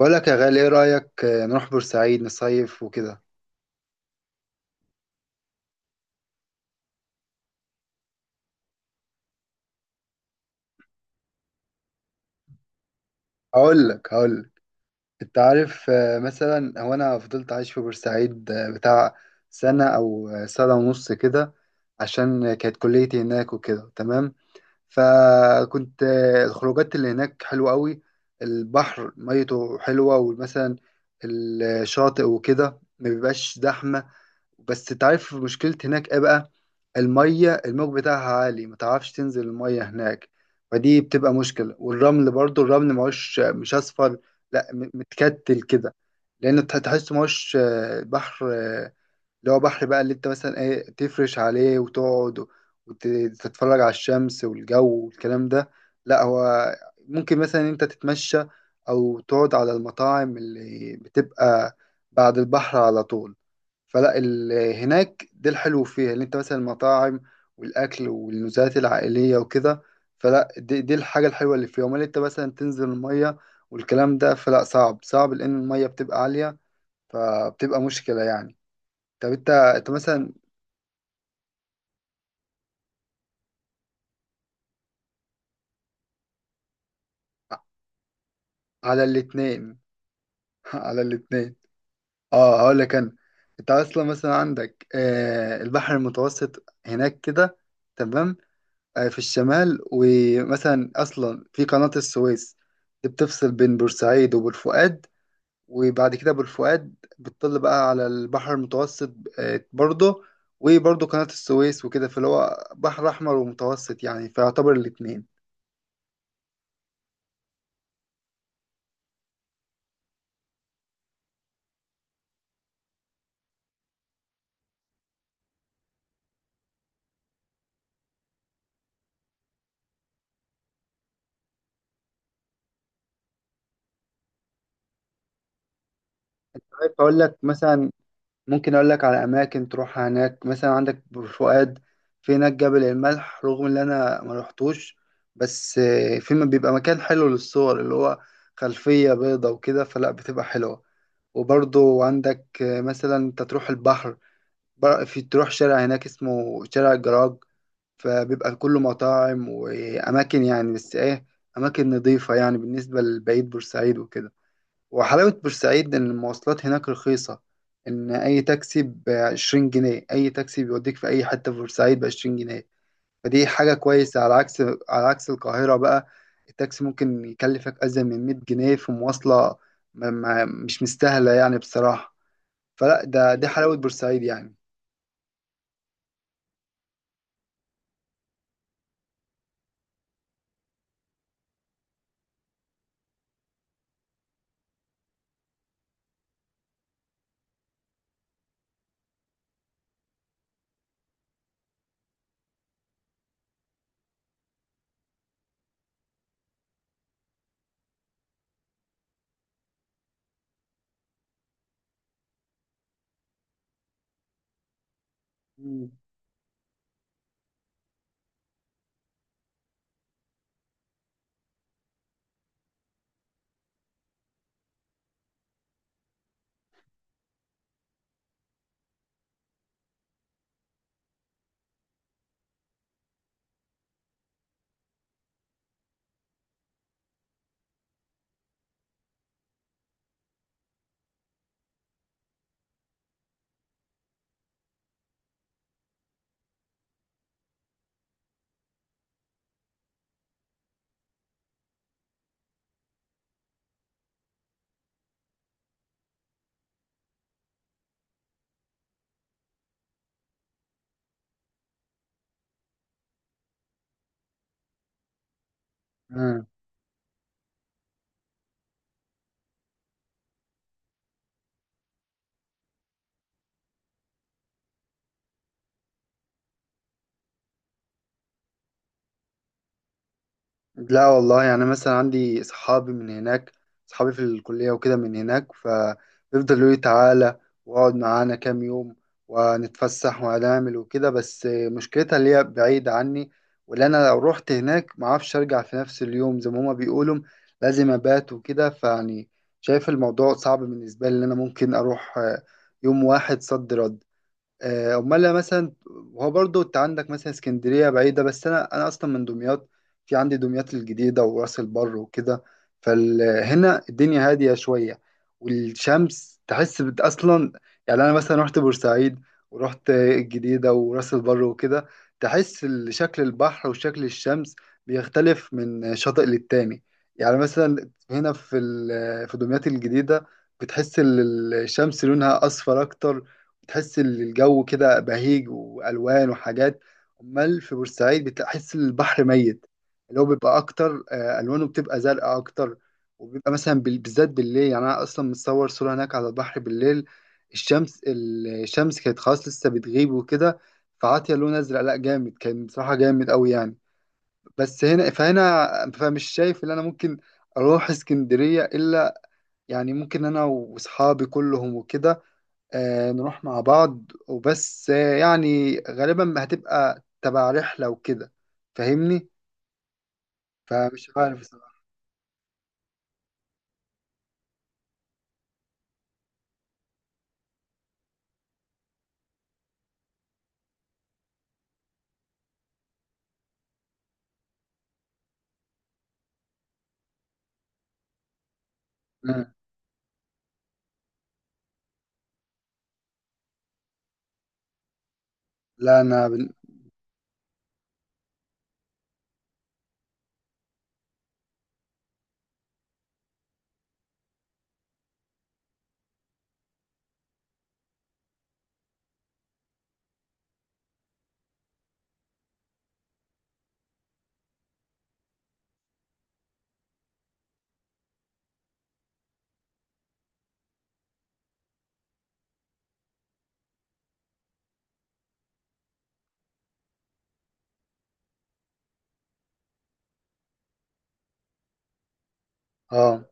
بقول لك يا غالي، ايه رأيك نروح بورسعيد نصيف وكده. هقول لك. انت عارف، مثلا هو انا فضلت عايش في بورسعيد بتاع سنة او سنة ونص كده. عشان كانت كليتي هناك وكده. تمام. فكنت الخروجات اللي هناك حلوة قوي. البحر ميته حلوة، ومثلا الشاطئ وكده ما بيبقاش زحمة. بس انت عارف مشكلة هناك ايه بقى؟ المية، الموج بتاعها عالي، ما تعرفش تنزل المية هناك. فدي بتبقى مشكلة، والرمل برضو الرمل مش أصفر. لا، متكتل كده. لأن تحس مش بحر. اللي هو بحر بقى، اللي انت مثلا ايه تفرش عليه وتقعد وتتفرج على الشمس والجو والكلام ده. لا، هو ممكن مثلا انت تتمشى او تقعد على المطاعم اللي بتبقى بعد البحر على طول. فلا هناك ده الحلو فيها، اللي انت مثلا المطاعم والاكل والنزهات العائلية وكده. فلا دي الحاجة الحلوة اللي فيها. امال انت مثلا تنزل المية والكلام ده، فلا صعب لان المية بتبقى عالية. فبتبقى مشكلة يعني. طب انت مثلا. على الاتنين. على الاتنين. اه، هقول لك انا. انت اصلا مثلا عندك البحر المتوسط هناك كده. تمام. في الشمال، ومثلا اصلا في قناة السويس دي بتفصل بين بورسعيد وبورفؤاد، وبعد كده بورفؤاد بتطل بقى على البحر المتوسط. برضه، وبرضه قناة السويس وكده، فاللي هو بحر احمر ومتوسط يعني، فيعتبر الاتنين. عارف اقول لك مثلا، ممكن اقول لك على اماكن تروح هناك. مثلا عندك بور فؤاد، في هناك جبل الملح، رغم ان انا ما رحتوش، بس بيبقى مكان حلو للصور، اللي هو خلفية بيضة وكده، فلا بتبقى حلوة. وبرضو عندك مثلا انت تروح البحر، في تروح شارع هناك اسمه شارع الجراج، فبيبقى كله مطاعم واماكن، يعني بس ايه، اماكن نظيفة يعني بالنسبة لبعيد بورسعيد وكده. وحلاوة بورسعيد إن المواصلات هناك رخيصة. إن أي تاكسي ب20 جنيه، أي تاكسي بيوديك في أي حتة في بورسعيد ب20 جنيه. فدي حاجة كويسة، على عكس القاهرة بقى. التاكسي ممكن يكلفك أزيد من 100 جنيه في مواصلة. ما مش مستاهلة يعني بصراحة. فلا دي حلاوة بورسعيد يعني. مم. مم. لا والله، يعني مثلا عندي صحابي من هناك، صحابي في الكلية وكده من هناك، فبيفضلوا يقولوا لي تعالى واقعد معانا كام يوم ونتفسح وهنعمل وكده، بس مشكلتها اللي هي بعيدة عني، واللي أنا لو رحت هناك معرفش أرجع في نفس اليوم، زي ما هما بيقولوا لازم أبات وكده، فيعني شايف الموضوع صعب بالنسبة لي، إن أنا ممكن أروح يوم واحد صد رد. امال لو مثلا، هو برضو انت عندك مثلا اسكندريه بعيده، بس انا اصلا من دمياط. في عندي دمياط الجديده وراس البر وكده، فهنا الدنيا هاديه شويه. والشمس تحس اصلا، يعني انا مثلا رحت بورسعيد ورحت الجديده وراس البر وكده، تحس شكل البحر وشكل الشمس بيختلف من شاطئ للتاني. يعني مثلا هنا في دمياط الجديده، بتحس الشمس لونها اصفر اكتر، تحس ان الجو كده بهيج، والوان وحاجات. امال في بورسعيد بتحس البحر ميت، اللي هو بيبقى اكتر، الوانه بتبقى زرقاء اكتر، وبيبقى مثلا بالذات بالليل. يعني انا اصلا متصور صوره هناك على البحر بالليل، الشمس كانت خلاص لسه بتغيب وكده، فعاطيه لون ازرق، لا جامد، كان بصراحه جامد قوي يعني. بس هنا فهنا، فمش شايف ان انا ممكن اروح اسكندريه الا، يعني ممكن انا واصحابي كلهم وكده نروح مع بعض وبس، يعني غالبا هتبقى تبع رحلة وكده، فاهمني. فمش عارف بصراحة. مم. لا، اه.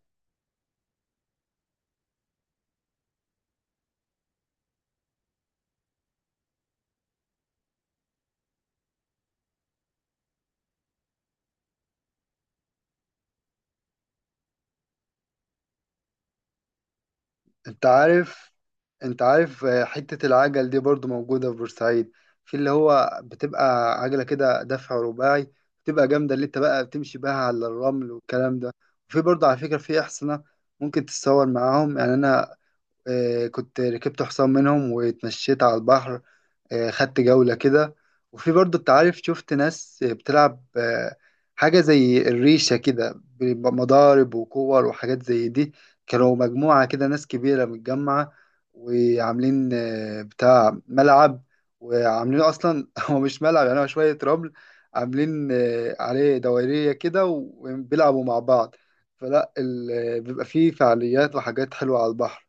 انت عارف انت عارف، حتة العجل دي برضو موجودة في بورسعيد، في اللي هو بتبقى عجلة كده دفع رباعي، بتبقى جامدة، اللي انت بقى بتمشي بها على الرمل والكلام ده. وفي برضو على فكرة في أحصنة، ممكن تتصور معاهم. يعني أنا كنت ركبت حصان منهم واتمشيت على البحر، خدت جولة كده. وفي برضو، انت عارف، شفت ناس بتلعب حاجة زي الريشة كده بمضارب وكور وحاجات زي دي. كانوا مجموعة كده، ناس كبيرة متجمعة، وعاملين بتاع ملعب، وعاملين أصلا هو مش ملعب، يعني هو شوية رمل، عاملين عليه دوائرية كده وبيلعبوا مع بعض. فلا بيبقى فيه فعاليات وحاجات حلوة على البحر.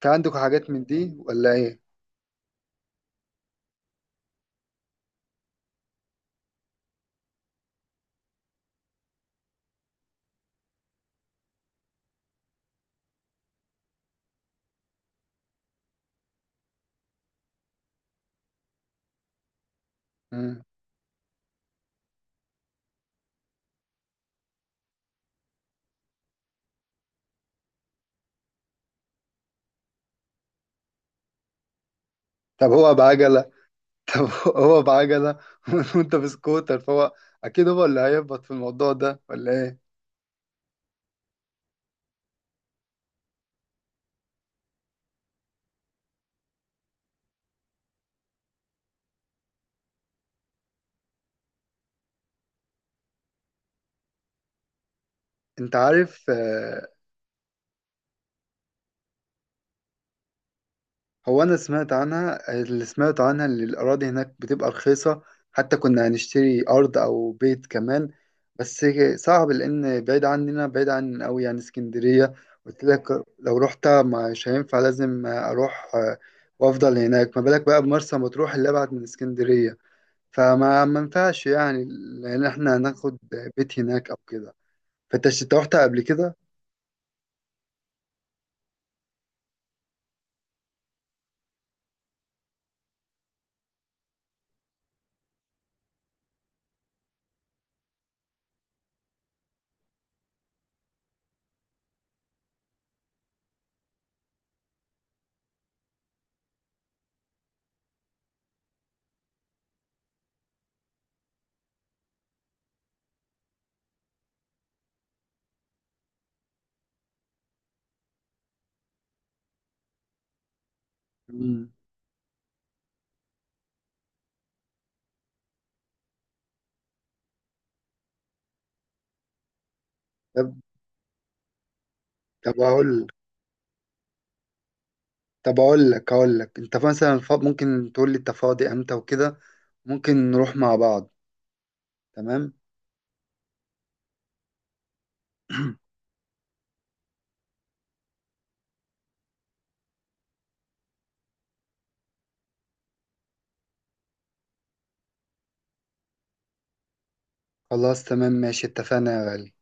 في عندكم حاجات من دي ولا ايه؟ مم. طب هو بعجلة. طب هو بعجلة وانت بسكوتر، فهو اكيد هو اللي هيهبط في الموضوع ده، ولا ايه؟ انت عارف، هو انا سمعت عنها اللي الاراضي هناك بتبقى رخيصة، حتى كنا هنشتري ارض او بيت كمان، بس صعب لان بعيد عننا، بعيد عن قوي يعني اسكندرية. قلت لك، لو رحت مش هينفع، لازم اروح وافضل هناك، ما بالك بقى بمرسى مطروح اللي ابعد من اسكندرية. فما ما ينفعش يعني، لان احنا هناخد بيت هناك او كده. فانت ش- انت رحت قبل كده؟ مم. طب طب اقول طب اقول لك انت مثلا ممكن تقول لي انت فاضي امتى وكده، ممكن نروح مع بعض. تمام. خلاص، تمام، ماشي، اتفقنا يا غالي.